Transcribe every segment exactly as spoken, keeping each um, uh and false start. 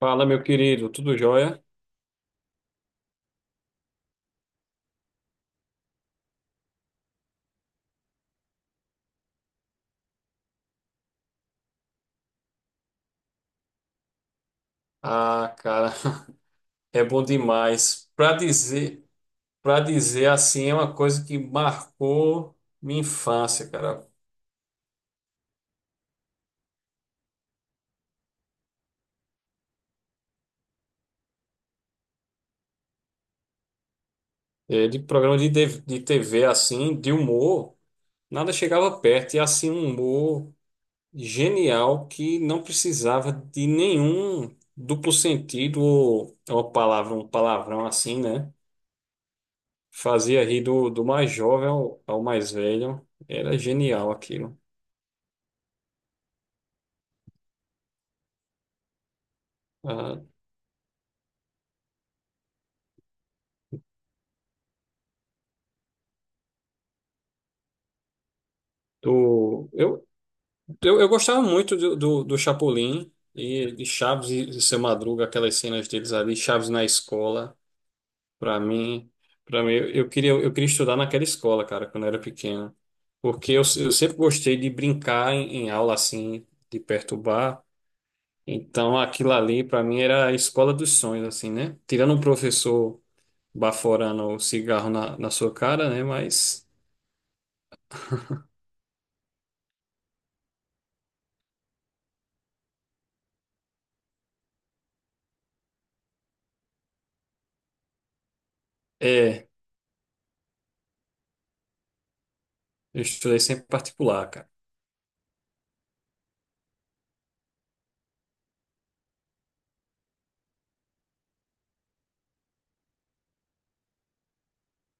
Fala, meu querido, tudo jóia? Ah, cara, é bom demais. para dizer, para dizer assim, é uma coisa que marcou minha infância, cara. É, de programa de, T V de T V assim, de humor, nada chegava perto. E assim, um humor genial que não precisava de nenhum duplo sentido ou uma palavra, um palavrão assim, né? Fazia rir do, do mais jovem ao, ao mais velho. Era genial aquilo. Ah, Do, eu, eu, eu gostava muito do, do, do Chapolin e de Chaves e de Seu Madruga, aquelas cenas deles ali, Chaves na escola. Para mim, para mim eu, eu queria, eu queria estudar naquela escola, cara, quando eu era pequeno. Porque eu, eu sempre gostei de brincar em, em aula assim, de perturbar. Então aquilo ali, para mim, era a escola dos sonhos, assim, né? Tirando um professor baforando o cigarro na, na sua cara, né? Mas é, eu estudei sempre particular, cara.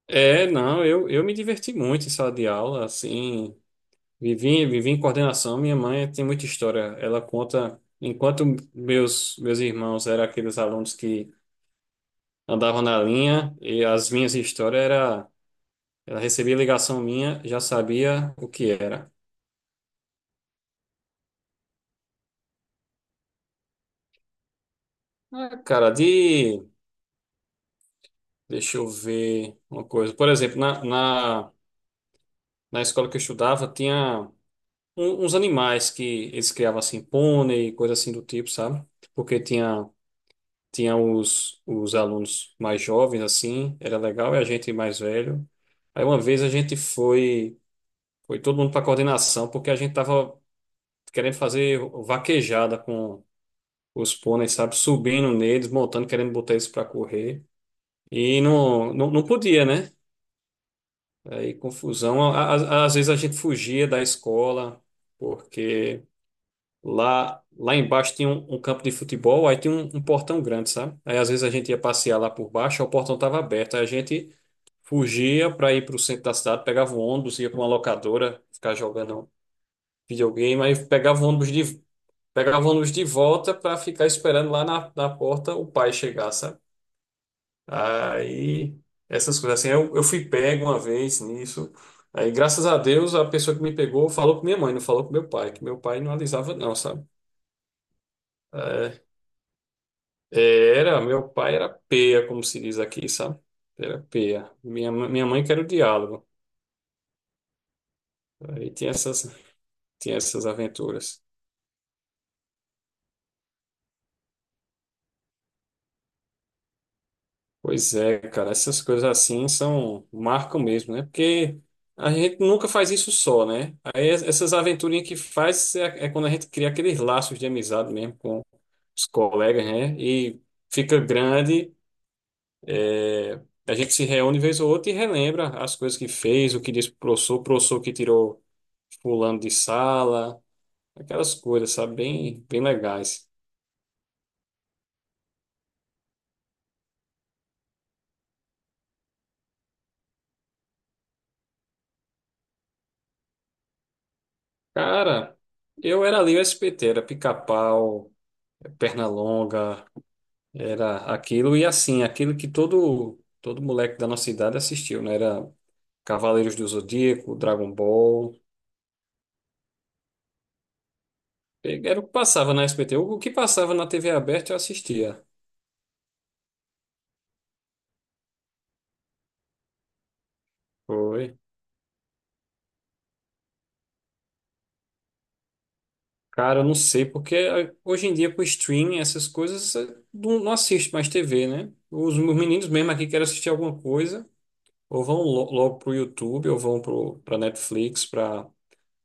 É, não, eu, eu me diverti muito em sala de aula, assim, vivi, vivi em coordenação, minha mãe tem muita história, ela conta, enquanto meus, meus irmãos eram aqueles alunos que andavam na linha, e as minhas histórias era, ela recebia ligação minha, já sabia o que era. Ah, cara, de, deixa eu ver uma coisa, por exemplo, na, na, na escola que eu estudava, tinha um- uns animais que eles criavam, assim, pônei, coisa assim do tipo, sabe? Porque tinha. Tinha os, os alunos mais jovens, assim, era legal, e a gente mais velho. Aí uma vez a gente foi, foi todo mundo para coordenação, porque a gente tava querendo fazer vaquejada com os pôneis, sabe? Subindo neles, montando, querendo botar eles para correr. E não, não, não podia, né? Aí confusão. A- a- Às vezes a gente fugia da escola, porque. Lá, lá embaixo tinha um, um campo de futebol, aí tinha um, um portão grande, sabe? Aí às vezes a gente ia passear lá por baixo, aí o portão estava aberto, aí a gente fugia para ir para o centro da cidade, pegava um ônibus, ia para uma locadora, ficar jogando videogame, aí pegava o ônibus de, pegava o ônibus de volta para ficar esperando lá na, na porta o pai chegar, sabe? Aí essas coisas assim, eu, eu fui pego uma vez nisso. Aí, graças a Deus, a pessoa que me pegou falou com minha mãe, não falou com meu pai, que meu pai não alisava, não, sabe? É, É, Era, meu pai era peia, como se diz aqui, sabe? Era peia. Minha, ma- minha mãe que era o diálogo. Aí tinha essas, tinha essas aventuras. Pois é, cara, essas coisas assim são, marcam mesmo, né? Porque a gente nunca faz isso só, né? Aí es- essas aventurinhas que faz é, é quando a gente cria aqueles laços de amizade mesmo com os colegas, né? E fica grande. É, a gente se reúne vez ou outra e relembra as coisas que fez, o que disse pro professor, o professor que tirou fulano de sala. Aquelas coisas, sabe? Bem, bem legais. Cara, eu era ali o S P T, era pica-pau, perna longa, era aquilo e assim, aquilo que todo todo moleque da nossa idade assistiu, né? Era Cavaleiros do Zodíaco, Dragon Ball. Era o que passava na S B T. O que passava na T V aberta eu assistia. Foi. Cara, eu não sei, porque eh, hoje em dia com streaming, essas coisas, eh, não não assiste mais T V, né? Os meninos mesmo aqui querem assistir alguma coisa. Ou vão lo- logo para o YouTube, ou vão para Netflix, para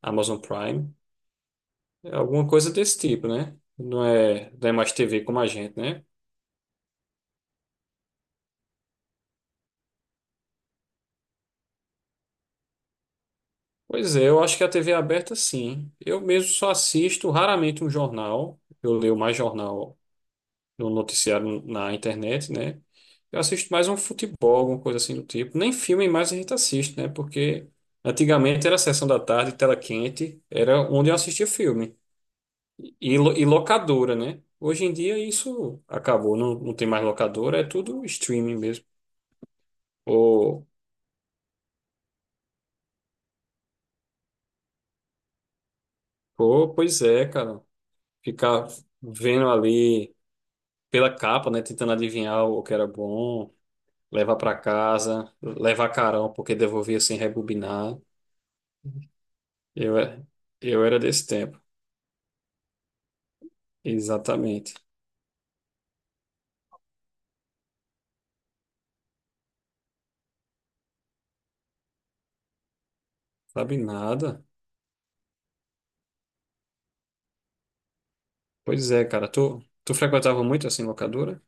Amazon Prime. É. Alguma coisa desse tipo, né? Não é, não é mais T V como a gente, né? Pois é, eu acho que a T V aberta, sim. Eu mesmo só assisto raramente um jornal. Eu leio mais jornal no noticiário na internet, né? Eu assisto mais um futebol, alguma coisa assim do tipo. Nem filme mais a gente assiste, né? Porque antigamente era a sessão da tarde, tela quente, era onde eu assistia filme. E, lo- e locadora, né? Hoje em dia isso acabou, não, não tem mais locadora, é tudo streaming mesmo. Pô, pô, pois é, cara. Ficar vendo ali pela capa, né? Tentando adivinhar o que era bom, levar pra casa, levar carão, porque devolvia sem rebobinar. Eu, é- eu era desse tempo, exatamente. Sabe nada? Pois é, cara. Tu, tu frequentava muito assim locadora?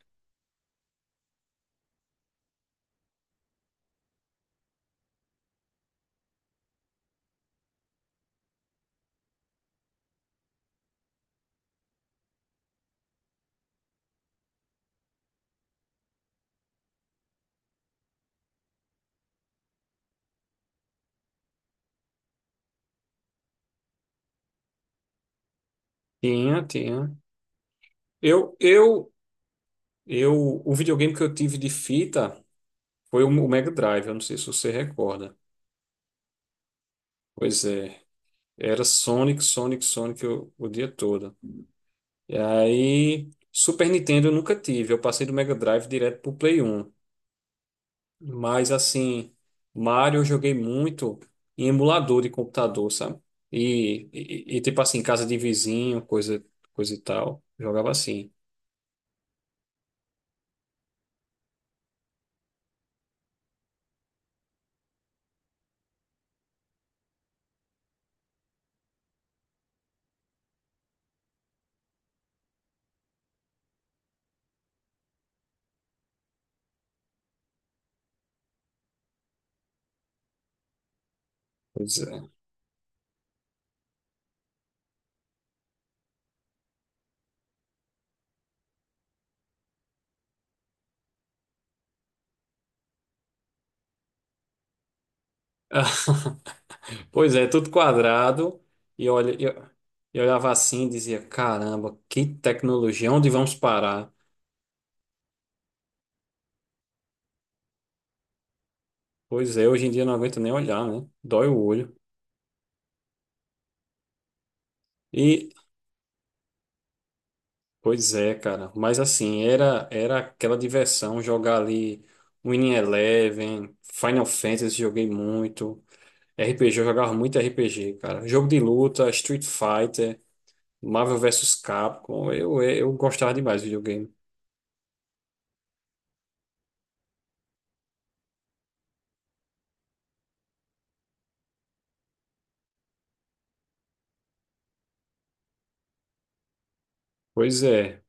Tinha, tinha. Eu, eu, eu, o videogame que eu tive de fita. Foi o o Mega Drive, eu não sei se você recorda. Pois é, era Sonic, Sonic, Sonic o, o dia todo. E aí, Super Nintendo eu nunca tive, eu passei do Mega Drive direto pro Play um. Mas assim, Mario eu joguei muito em emulador de computador, sabe? E, e, e, tipo assim, casa de vizinho, coisa, coisa e tal. Jogava assim. Pois é. Pois é, tudo quadrado. E olha, eu, eu olhava assim e dizia, caramba, que tecnologia, onde vamos parar? Pois é, hoje em dia eu não aguento nem olhar, né? Dói o olho. E, pois é, cara. Mas assim, era, era aquela diversão jogar ali Winning Eleven, Final Fantasy, joguei muito. R P G, eu jogava muito R P G, cara. Jogo de luta, Street Fighter, Marvel vs Capcom. Eu, eu gostava demais do videogame. Pois é.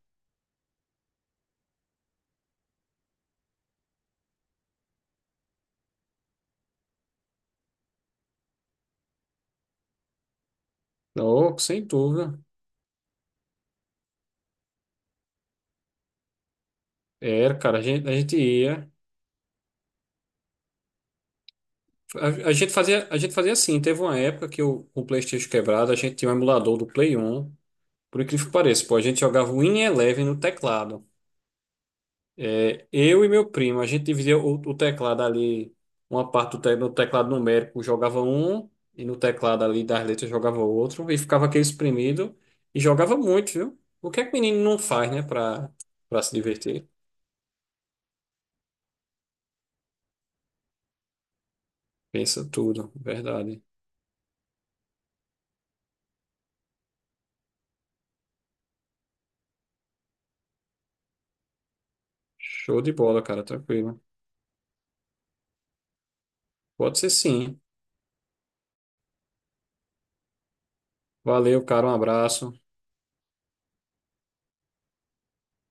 Oh, sem dúvida. Era, cara, a gente, a gente ia. A, a gente fazia, a gente fazia assim, teve uma época que o, o PlayStation quebrado, a gente tinha um emulador do Play um. Por incrível que pareça, pô, a gente jogava o Win Eleven no teclado. É, eu e meu primo, a gente dividia o, o teclado ali, uma parte do te- no teclado numérico jogava um, e no teclado ali das letras jogava outro, e ficava aquele espremido, e jogava muito, viu? O que é que o menino não faz, né, pra, pra se divertir? Pensa tudo, verdade. Show de bola, cara, tranquilo. Pode ser sim. Valeu, cara, um abraço.